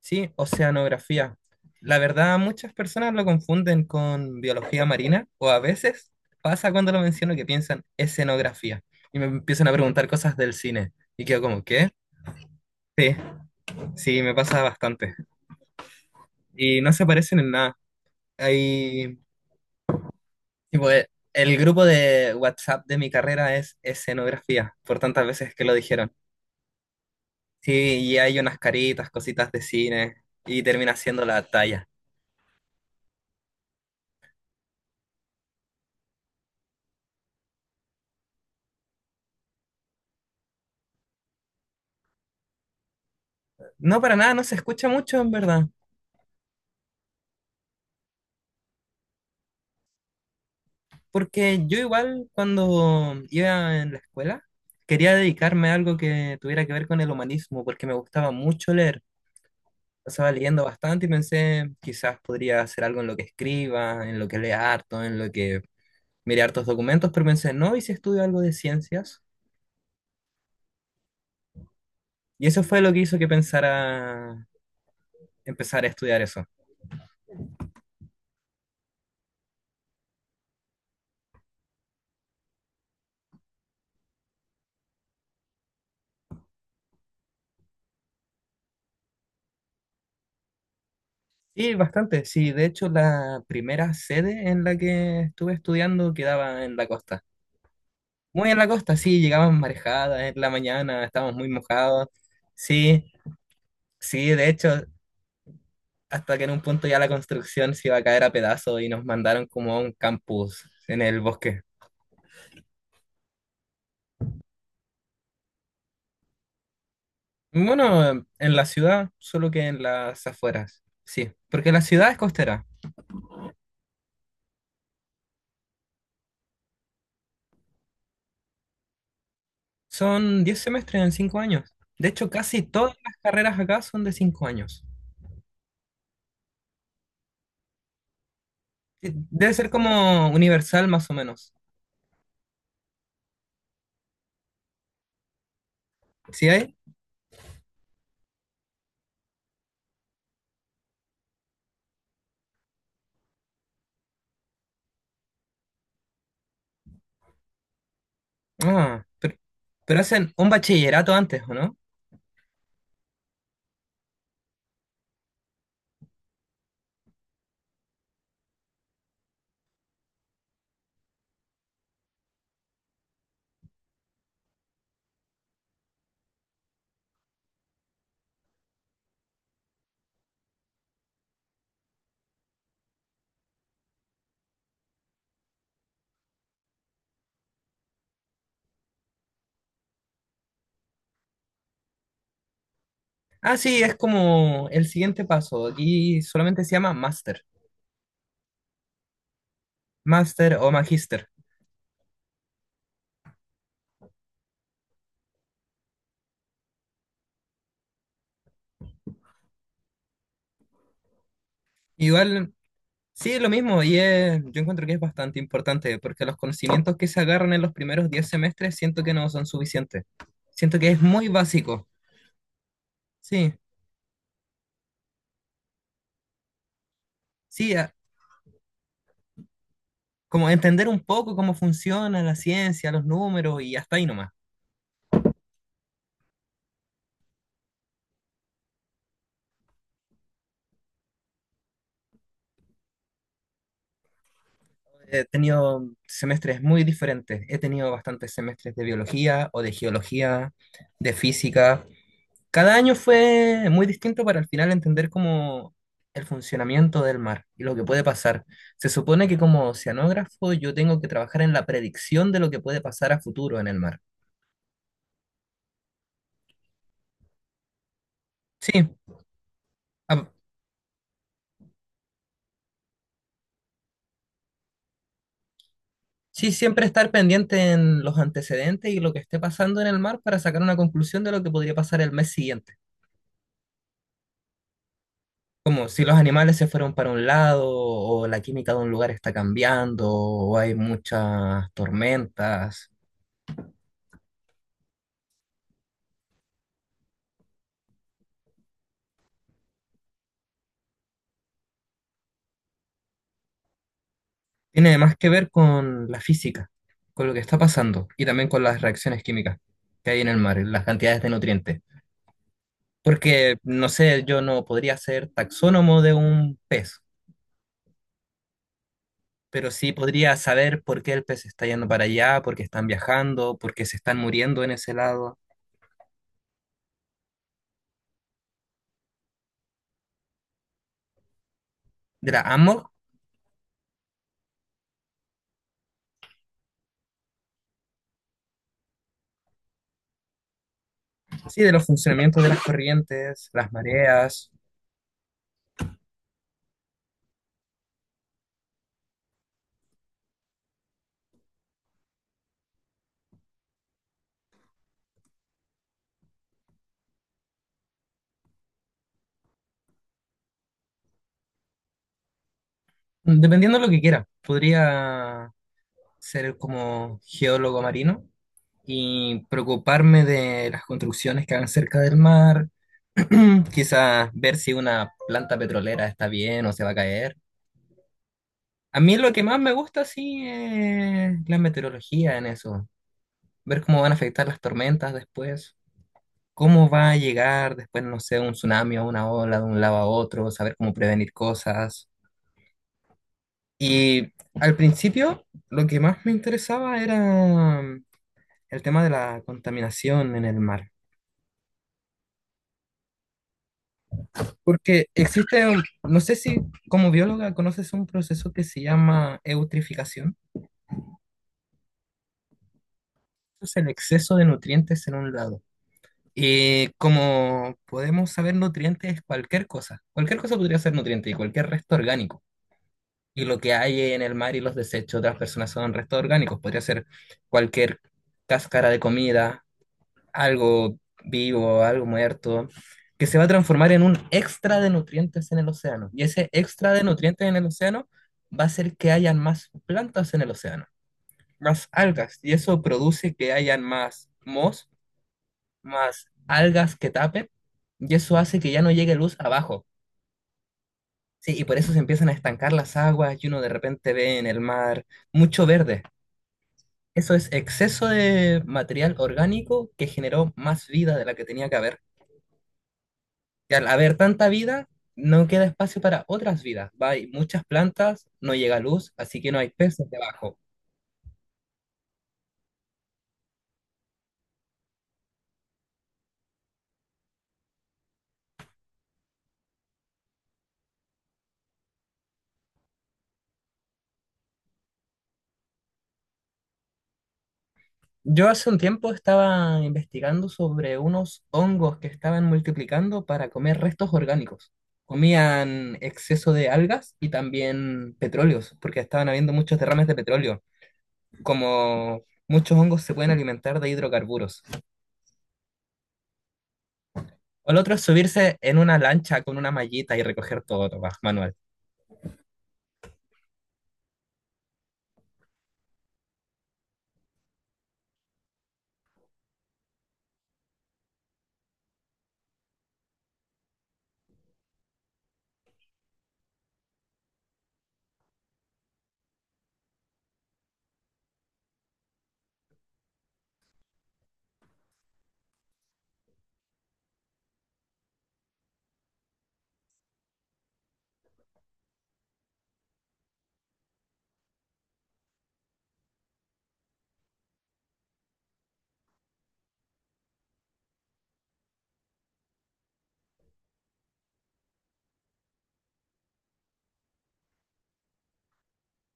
Sí, oceanografía. La verdad, muchas personas lo confunden con biología marina o a veces pasa cuando lo menciono que piensan escenografía y me empiezan a preguntar cosas del cine y quedo como, ¿qué? Sí, sí, me pasa bastante y no se parecen en nada. Hay, tipo, el grupo de WhatsApp de mi carrera es escenografía, por tantas veces que lo dijeron. Sí, y hay unas caritas, cositas de cine y termina siendo la talla. No, para nada, no se escucha mucho en verdad. Porque yo igual cuando iba en la escuela quería dedicarme a algo que tuviera que ver con el humanismo, porque me gustaba mucho leer. Estaba leyendo bastante y pensé, quizás podría hacer algo en lo que escriba, en lo que lea harto, en lo que mire hartos documentos, pero pensé, no, ¿y si estudio algo de ciencias? Y eso fue lo que hizo que pensara empezar a estudiar eso. Sí, bastante, sí, de hecho la primera sede en la que estuve estudiando quedaba en la costa. Muy en la costa, sí, llegamos marejadas en la mañana, estábamos muy mojados. Sí, sí, de hecho, hasta que en un punto ya la construcción se iba a caer a pedazos y nos mandaron como a un campus en el bosque. Bueno, en la ciudad, solo que en las afueras, sí, porque la ciudad es costera. Son 10 semestres en 5 años. De hecho, casi todas las carreras acá son de 5 años. Debe ser como universal más o menos. ¿Sí hay? Ah, pero, pero hacen un bachillerato antes, ¿o no? Ah, sí, es como el siguiente paso. Aquí solamente se llama master, master o magíster. Igual, sí, es lo mismo y es- yo encuentro que es bastante importante porque los conocimientos que se agarran en los primeros 10 semestres siento que no son suficientes. Siento que es muy básico. Sí, sí, a- como entender un poco cómo funciona la ciencia, los números y hasta ahí nomás. He tenido semestres muy diferentes. He tenido bastantes semestres de biología o de geología, de física. Cada año fue muy distinto para al final entender cómo el funcionamiento del mar y lo que puede pasar. Se supone que como oceanógrafo yo tengo que trabajar en la predicción de lo que puede pasar a futuro en el mar. Sí, a- sí, siempre estar pendiente en los antecedentes y lo que esté pasando en el mar para sacar una conclusión de lo que podría pasar el mes siguiente. Como si los animales se fueron para un lado, o la química de un lugar está cambiando, o hay muchas tormentas. Tiene más que ver con la física, con lo que está pasando y también con las reacciones químicas que hay en el mar, las cantidades de nutrientes. Porque, no sé, yo no podría ser taxónomo de un pez, pero sí podría saber por qué el pez está yendo para allá, por qué están viajando, por qué se están muriendo en ese lado. De la amo, sí, de los funcionamientos de las corrientes, las mareas, dependiendo de lo que quiera. Podría ser como geólogo marino y preocuparme de las construcciones que hagan cerca del mar, quizás ver si una planta petrolera está bien o se va a caer. A mí lo que más me gusta sí es la meteorología en eso, ver cómo van a afectar las tormentas después, cómo va a llegar después, no sé, un tsunami o una ola de un lado a otro, saber cómo prevenir cosas. Y al principio lo que más me interesaba era el tema de la contaminación en el mar. Porque existe, un- no sé si como bióloga conoces un proceso que se llama eutrificación. Es el exceso de nutrientes en un lado. Y como podemos saber, nutrientes es cualquier cosa. Cualquier cosa podría ser nutriente y cualquier resto orgánico. Y lo que hay en el mar y los desechos de las personas son restos orgánicos. Podría ser cualquier cáscara de comida, algo vivo, algo muerto, que se va a transformar en un extra de nutrientes en el océano. Y ese extra de nutrientes en el océano va a hacer que hayan más plantas en el océano, más algas. Y eso produce que hayan más mos, más algas que tapen. Y eso hace que ya no llegue luz abajo. Sí, y por eso se empiezan a estancar las aguas y uno de repente ve en el mar mucho verde. Eso es exceso de material orgánico que generó más vida de la que tenía que haber. Que al haber tanta vida, no queda espacio para otras vidas. Va, hay muchas plantas, no llega luz, así que no hay peces debajo. Yo hace un tiempo estaba investigando sobre unos hongos que estaban multiplicando para comer restos orgánicos. Comían exceso de algas y también petróleos, porque estaban habiendo muchos derrames de petróleo. Como muchos hongos se pueden alimentar de hidrocarburos. O el otro es subirse en una lancha con una mallita y recoger todo, nomás, manual.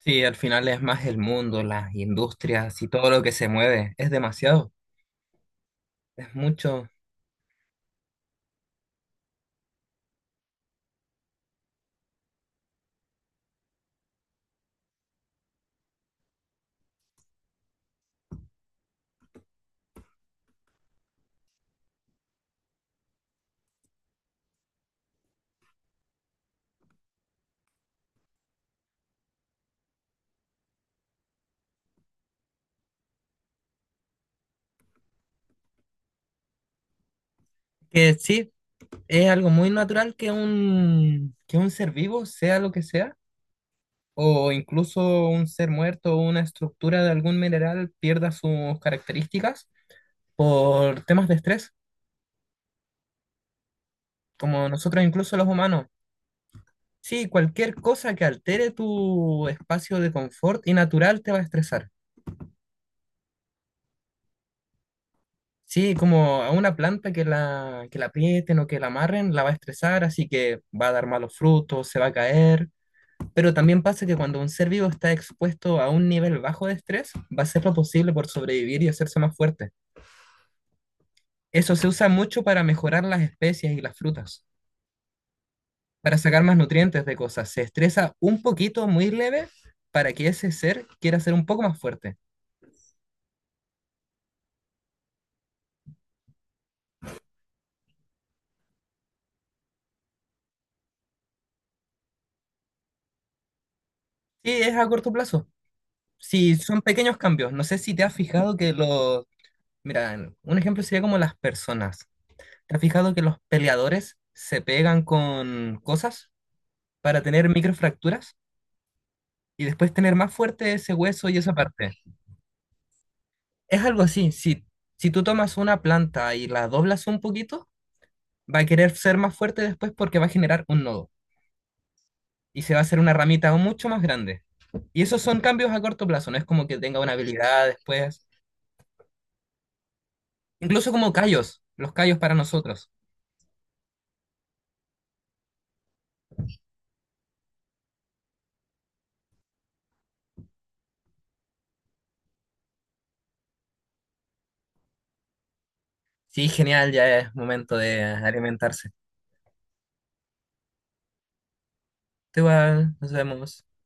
Sí, al final es más el mundo, las industrias y todo lo que se mueve. Es demasiado, es mucho. Que sí, es algo muy natural que un ser vivo, sea lo que sea, o incluso un ser muerto o una estructura de algún mineral pierda sus características por temas de estrés, como nosotros incluso los humanos. Sí, cualquier cosa que altere tu espacio de confort y natural te va a estresar. Sí, como a una planta que la aprieten o que la amarren, la va a estresar, así que va a dar malos frutos, se va a caer. Pero también pasa que cuando un ser vivo está expuesto a un nivel bajo de estrés, va a hacer lo posible por sobrevivir y hacerse más fuerte. Eso se usa mucho para mejorar las especies y las frutas, para sacar más nutrientes de cosas. Se estresa un poquito, muy leve, para que ese ser quiera ser un poco más fuerte. Sí, es a corto plazo. Sí, son pequeños cambios. No sé si te has fijado que los Mira, un ejemplo sería como las personas. ¿Te has fijado que los peleadores se pegan con cosas para tener microfracturas y después tener más fuerte ese hueso y esa parte? Es algo así. Si, si tú tomas una planta y la doblas un poquito, va a querer ser más fuerte después porque va a generar un nodo y se va a hacer una ramita mucho más grande. Y esos son cambios a corto plazo, no es como que tenga una habilidad después. Incluso como callos, los callos para nosotros. Sí, genial, ya es momento de alimentarse. Tú igual, nos vemos. Bye.